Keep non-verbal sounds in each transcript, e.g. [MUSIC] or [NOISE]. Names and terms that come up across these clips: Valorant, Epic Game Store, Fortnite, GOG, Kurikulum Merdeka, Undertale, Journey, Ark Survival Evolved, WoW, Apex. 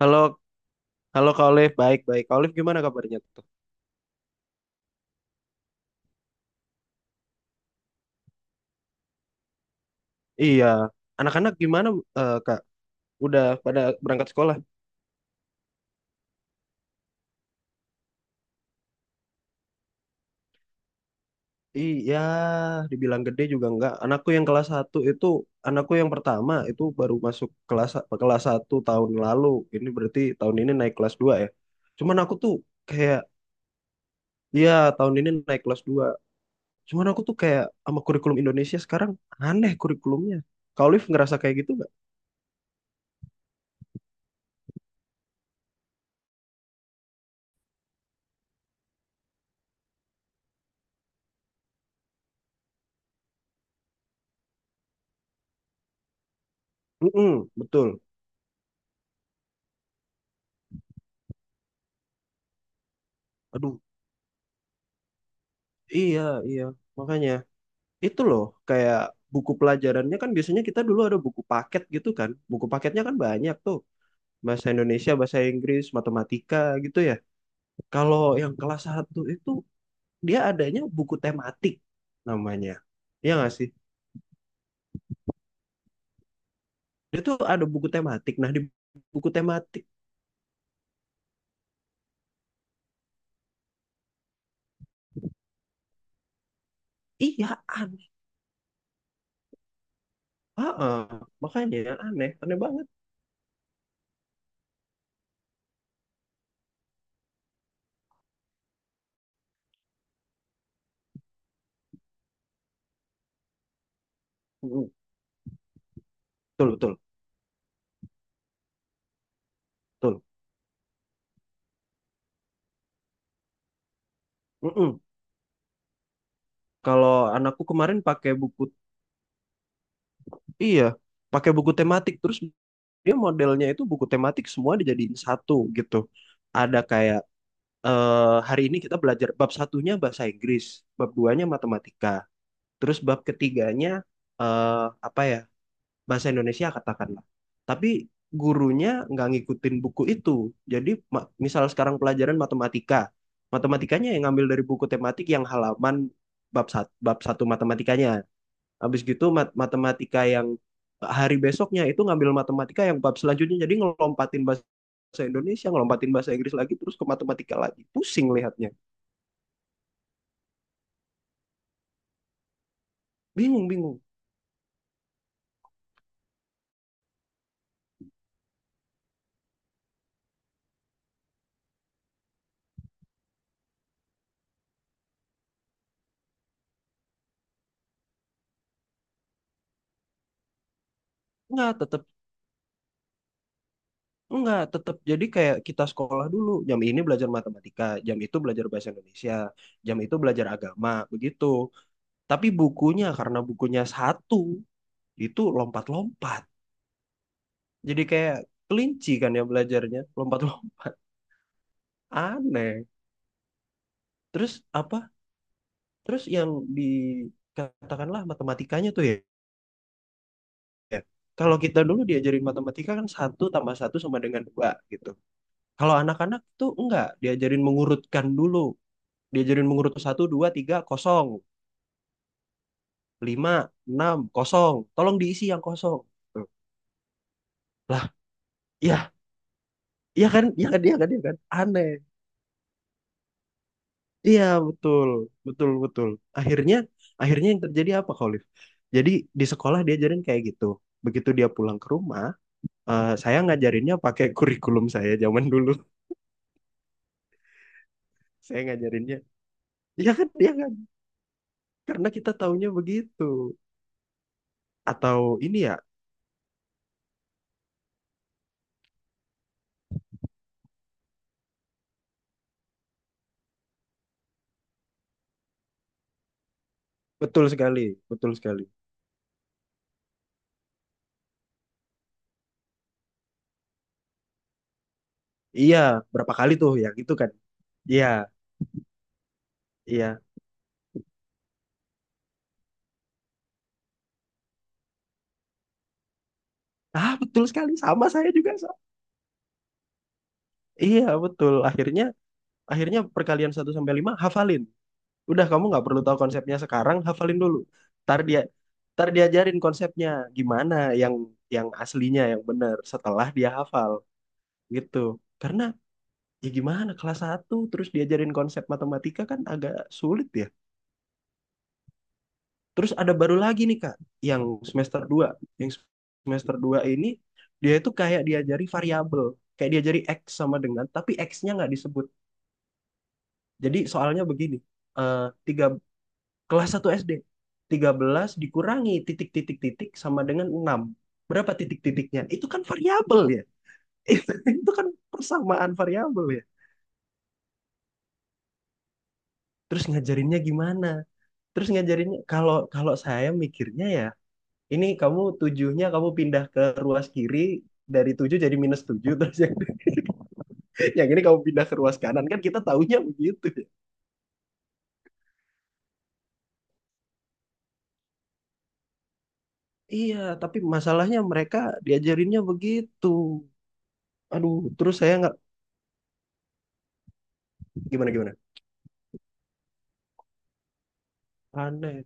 Halo, halo Kak Olive, baik-baik. Kak Olive gimana kabarnya tuh? Iya, anak-anak gimana, Kak? Udah pada berangkat sekolah? Iya, dibilang gede juga enggak. Anakku yang kelas satu itu, anakku yang pertama itu baru masuk kelas kelas satu tahun lalu. Ini berarti tahun ini naik kelas 2 ya. Cuman aku tuh kayak, Iya, tahun ini naik kelas 2. Cuman aku tuh kayak sama kurikulum Indonesia sekarang, aneh kurikulumnya. Kak Olive ngerasa kayak gitu nggak? Mm, betul. Aduh, iya, iya. Makanya, itu loh, kayak buku pelajarannya kan biasanya kita dulu ada buku paket gitu kan, buku paketnya kan banyak tuh, bahasa Indonesia, bahasa Inggris, matematika gitu ya. Kalau yang kelas satu itu, dia adanya buku tematik namanya, ya nggak sih, dia tuh ada buku tematik, nah di buku tematik, iya, aneh. Heeh. Makanya aneh aneh banget. Mm, betul betul betul. Mm-mm. Kalau anakku kemarin pakai buku, iya, pakai buku tematik terus. Dia modelnya itu buku tematik semua dijadiin satu gitu. Ada kayak, hari ini kita belajar bab satunya bahasa Inggris, bab duanya matematika, terus bab ketiganya, eh, apa ya, bahasa Indonesia katakanlah. Tapi gurunya nggak ngikutin buku itu. Jadi misal sekarang pelajaran matematika, matematikanya yang ngambil dari buku tematik yang halaman bab satu matematikanya. Habis gitu matematika yang hari besoknya itu ngambil matematika yang bab selanjutnya. Jadi ngelompatin bahasa Indonesia, ngelompatin bahasa Inggris lagi, terus ke matematika lagi. Pusing lihatnya. Bingung, bingung. Enggak, tetap, enggak, tetap. Jadi kayak kita sekolah dulu. Jam ini belajar matematika, jam itu belajar bahasa Indonesia, jam itu belajar agama, begitu. Tapi bukunya, karena bukunya satu, itu lompat-lompat. Jadi kayak kelinci kan ya belajarnya, lompat-lompat. Aneh. Terus apa Terus yang dikatakanlah matematikanya tuh ya, ya, kalau kita dulu diajarin matematika kan satu tambah satu sama dengan dua gitu. Kalau anak-anak tuh enggak, diajarin mengurutkan dulu, diajarin mengurut satu, dua, tiga, kosong, lima, enam, kosong. Tolong diisi yang kosong. Tuh. Lah, ya, iya kan, iya kan, iya kan, iya kan, aneh. Iya betul, betul, betul. Akhirnya, akhirnya, yang terjadi apa, Khalif? Jadi di sekolah diajarin kayak gitu. Begitu dia pulang ke rumah, saya ngajarinnya pakai kurikulum saya zaman dulu. [LAUGHS] Saya ngajarinnya, ya kan, karena kita taunya begitu. Atau ini ya, Betul sekali, betul sekali. Iya, berapa kali tuh ya gitu kan? Iya, iya. Ah, betul sekali, sama saya juga. Iya, betul. Akhirnya, perkalian satu sampai 5 hafalin. Udah, kamu nggak perlu tahu konsepnya sekarang, hafalin dulu. Ntar dia, ntar diajarin konsepnya gimana, yang yang aslinya yang benar setelah dia hafal gitu. Karena ya gimana, kelas satu terus diajarin konsep matematika kan agak sulit ya. Terus ada baru lagi nih, Kak, yang semester 2 Yang semester 2 ini dia itu kayak diajari variabel, kayak diajari X sama dengan, tapi X-nya nggak disebut. Jadi soalnya begini, eh tiga, kelas 1 SD, belas dikurangi titik-titik-titik sama dengan enam. Berapa titik-titiknya? Itu kan variabel ya. [LAUGHS] Itu kan persamaan variabel ya. Terus ngajarinnya gimana? Terus ngajarinnya, kalau kalau saya mikirnya ya, ini kamu tujuhnya kamu pindah ke ruas kiri, dari tujuh jadi minus tujuh, [LAUGHS] terus yang ini kamu pindah ke ruas kanan, kan kita taunya begitu, ya. Iya, tapi masalahnya mereka diajarinnya begitu. Aduh, terus saya nggak gimana gimana. Aneh.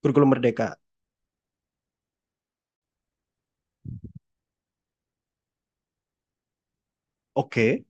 Kurikulum Merdeka. Oke.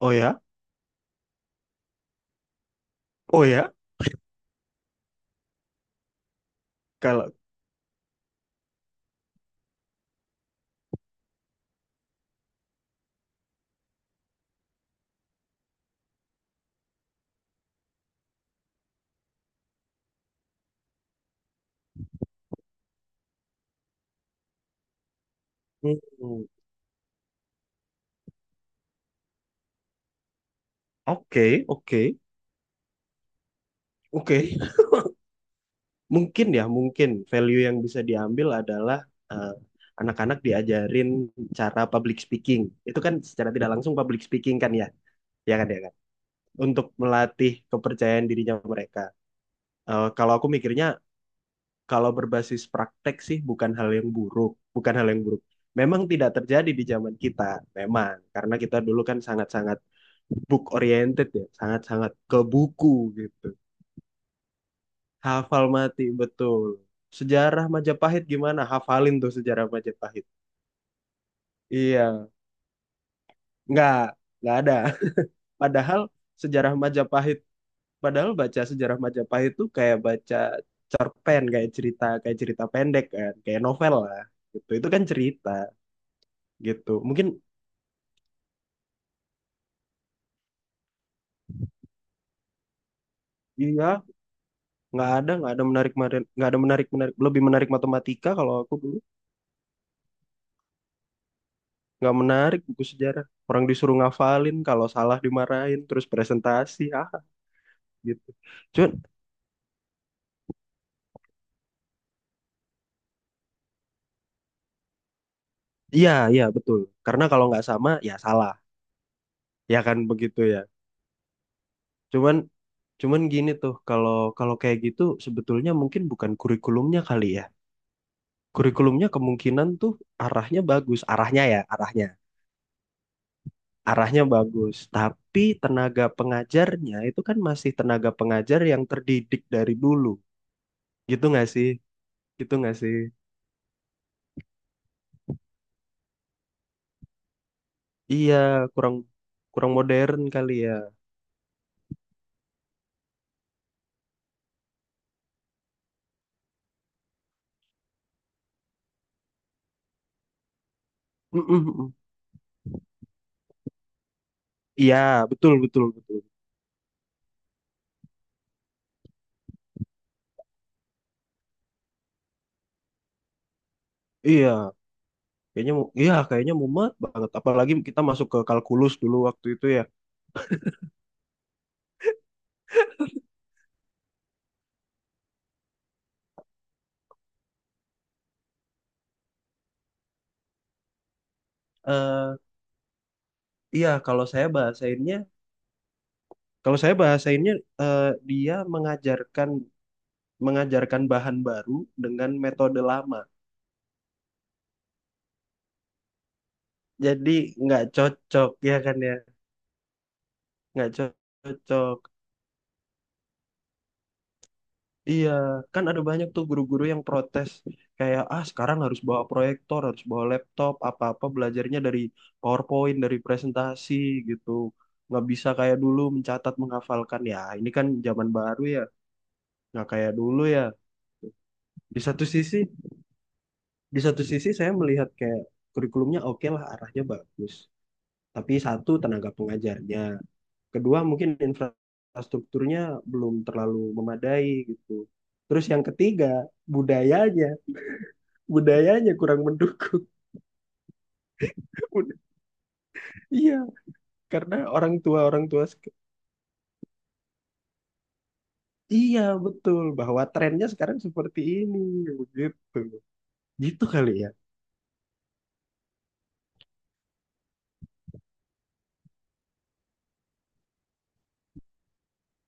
Oh ya. Oh ya. Kalau Hmm. Oke, oke, oke. Mungkin ya mungkin value yang bisa diambil adalah, eh, anak-anak diajarin cara public speaking, itu kan secara tidak langsung public speaking kan ya, ya kan ya kan, untuk melatih kepercayaan dirinya mereka. Eh, kalau aku mikirnya kalau berbasis praktek sih bukan hal yang buruk, bukan hal yang buruk. Memang tidak terjadi di zaman kita, memang karena kita dulu kan sangat-sangat book oriented ya, sangat-sangat ke buku gitu. Hafal mati, betul. Sejarah Majapahit gimana? Hafalin tuh sejarah Majapahit. Iya, nggak, nggak ada. [LAUGHS] Padahal sejarah Majapahit, padahal baca sejarah Majapahit tuh kayak baca cerpen, kayak cerita pendek kan, kayak novel lah. Gitu. Itu kan cerita gitu. Mungkin iya, nggak ada, nggak ada menarik, nggak ada menarik, menarik, lebih menarik matematika kalau aku dulu. Nggak menarik buku sejarah. Orang disuruh ngafalin, kalau salah dimarahin, terus presentasi, ah gitu. Cuman Iya, iya betul. Karena kalau nggak sama ya salah. Ya kan begitu ya. Cuman cuman gini tuh, kalau kalau kayak gitu sebetulnya mungkin bukan kurikulumnya kali ya. Kurikulumnya kemungkinan tuh arahnya bagus, arahnya ya, arahnya. Arahnya bagus, tapi tenaga pengajarnya itu kan masih tenaga pengajar yang terdidik dari dulu. Gitu nggak sih? Gitu nggak sih? Iya, kurang kurang modern kali ya. Mm, mm, mm. Iya, betul betul betul. Iya, iya kayaknya mumet banget. Apalagi kita masuk ke kalkulus dulu waktu itu ya. eh iya, kalau saya bahasainnya, eh, dia mengajarkan mengajarkan bahan baru dengan metode lama. Jadi nggak cocok ya kan ya. Nggak cocok. Iya, kan ada banyak tuh guru-guru yang protes, kayak ah sekarang harus bawa proyektor, harus bawa laptop, apa-apa belajarnya dari PowerPoint, dari presentasi gitu. Nggak bisa kayak dulu mencatat, menghafalkan ya. Ini kan zaman baru ya, nggak kayak dulu ya. Di satu sisi, di satu sisi, saya melihat kayak kurikulumnya oke lah, arahnya bagus. Tapi satu tenaga pengajarnya, kedua mungkin infrastrukturnya belum terlalu memadai gitu. Terus yang ketiga, budayanya budayanya kurang mendukung. [LAUGHS] Iya, karena orang tua iya betul bahwa trennya sekarang seperti ini begitu. Gitu kali ya.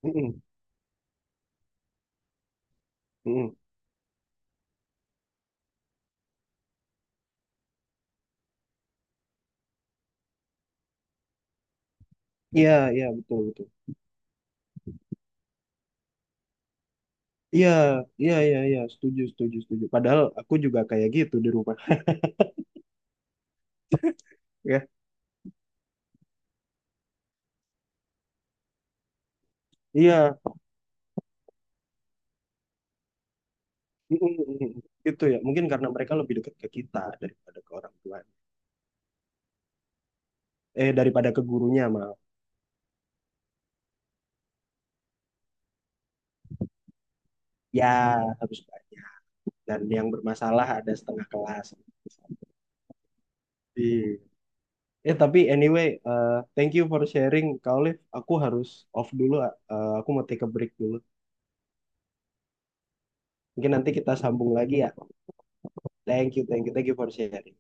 Mm-mm, mm-mm. Iya, iya betul betul. Iya, iya iya iya setuju setuju setuju. Padahal aku juga kayak gitu di rumah. [LAUGHS] Ya, iya. Mm-mm, mm-mm. Gitu ya. Mungkin karena mereka lebih dekat ke kita daripada ke orang tua. Eh, daripada ke gurunya malah. Ya, harus banyak. Dan yang bermasalah ada setengah kelas. Iya. Ya, tapi anyway, thank you for sharing, Kak Olive. Aku harus off dulu, aku mau take a break dulu. Mungkin nanti kita sambung lagi ya. Thank you, thank you, thank you for sharing.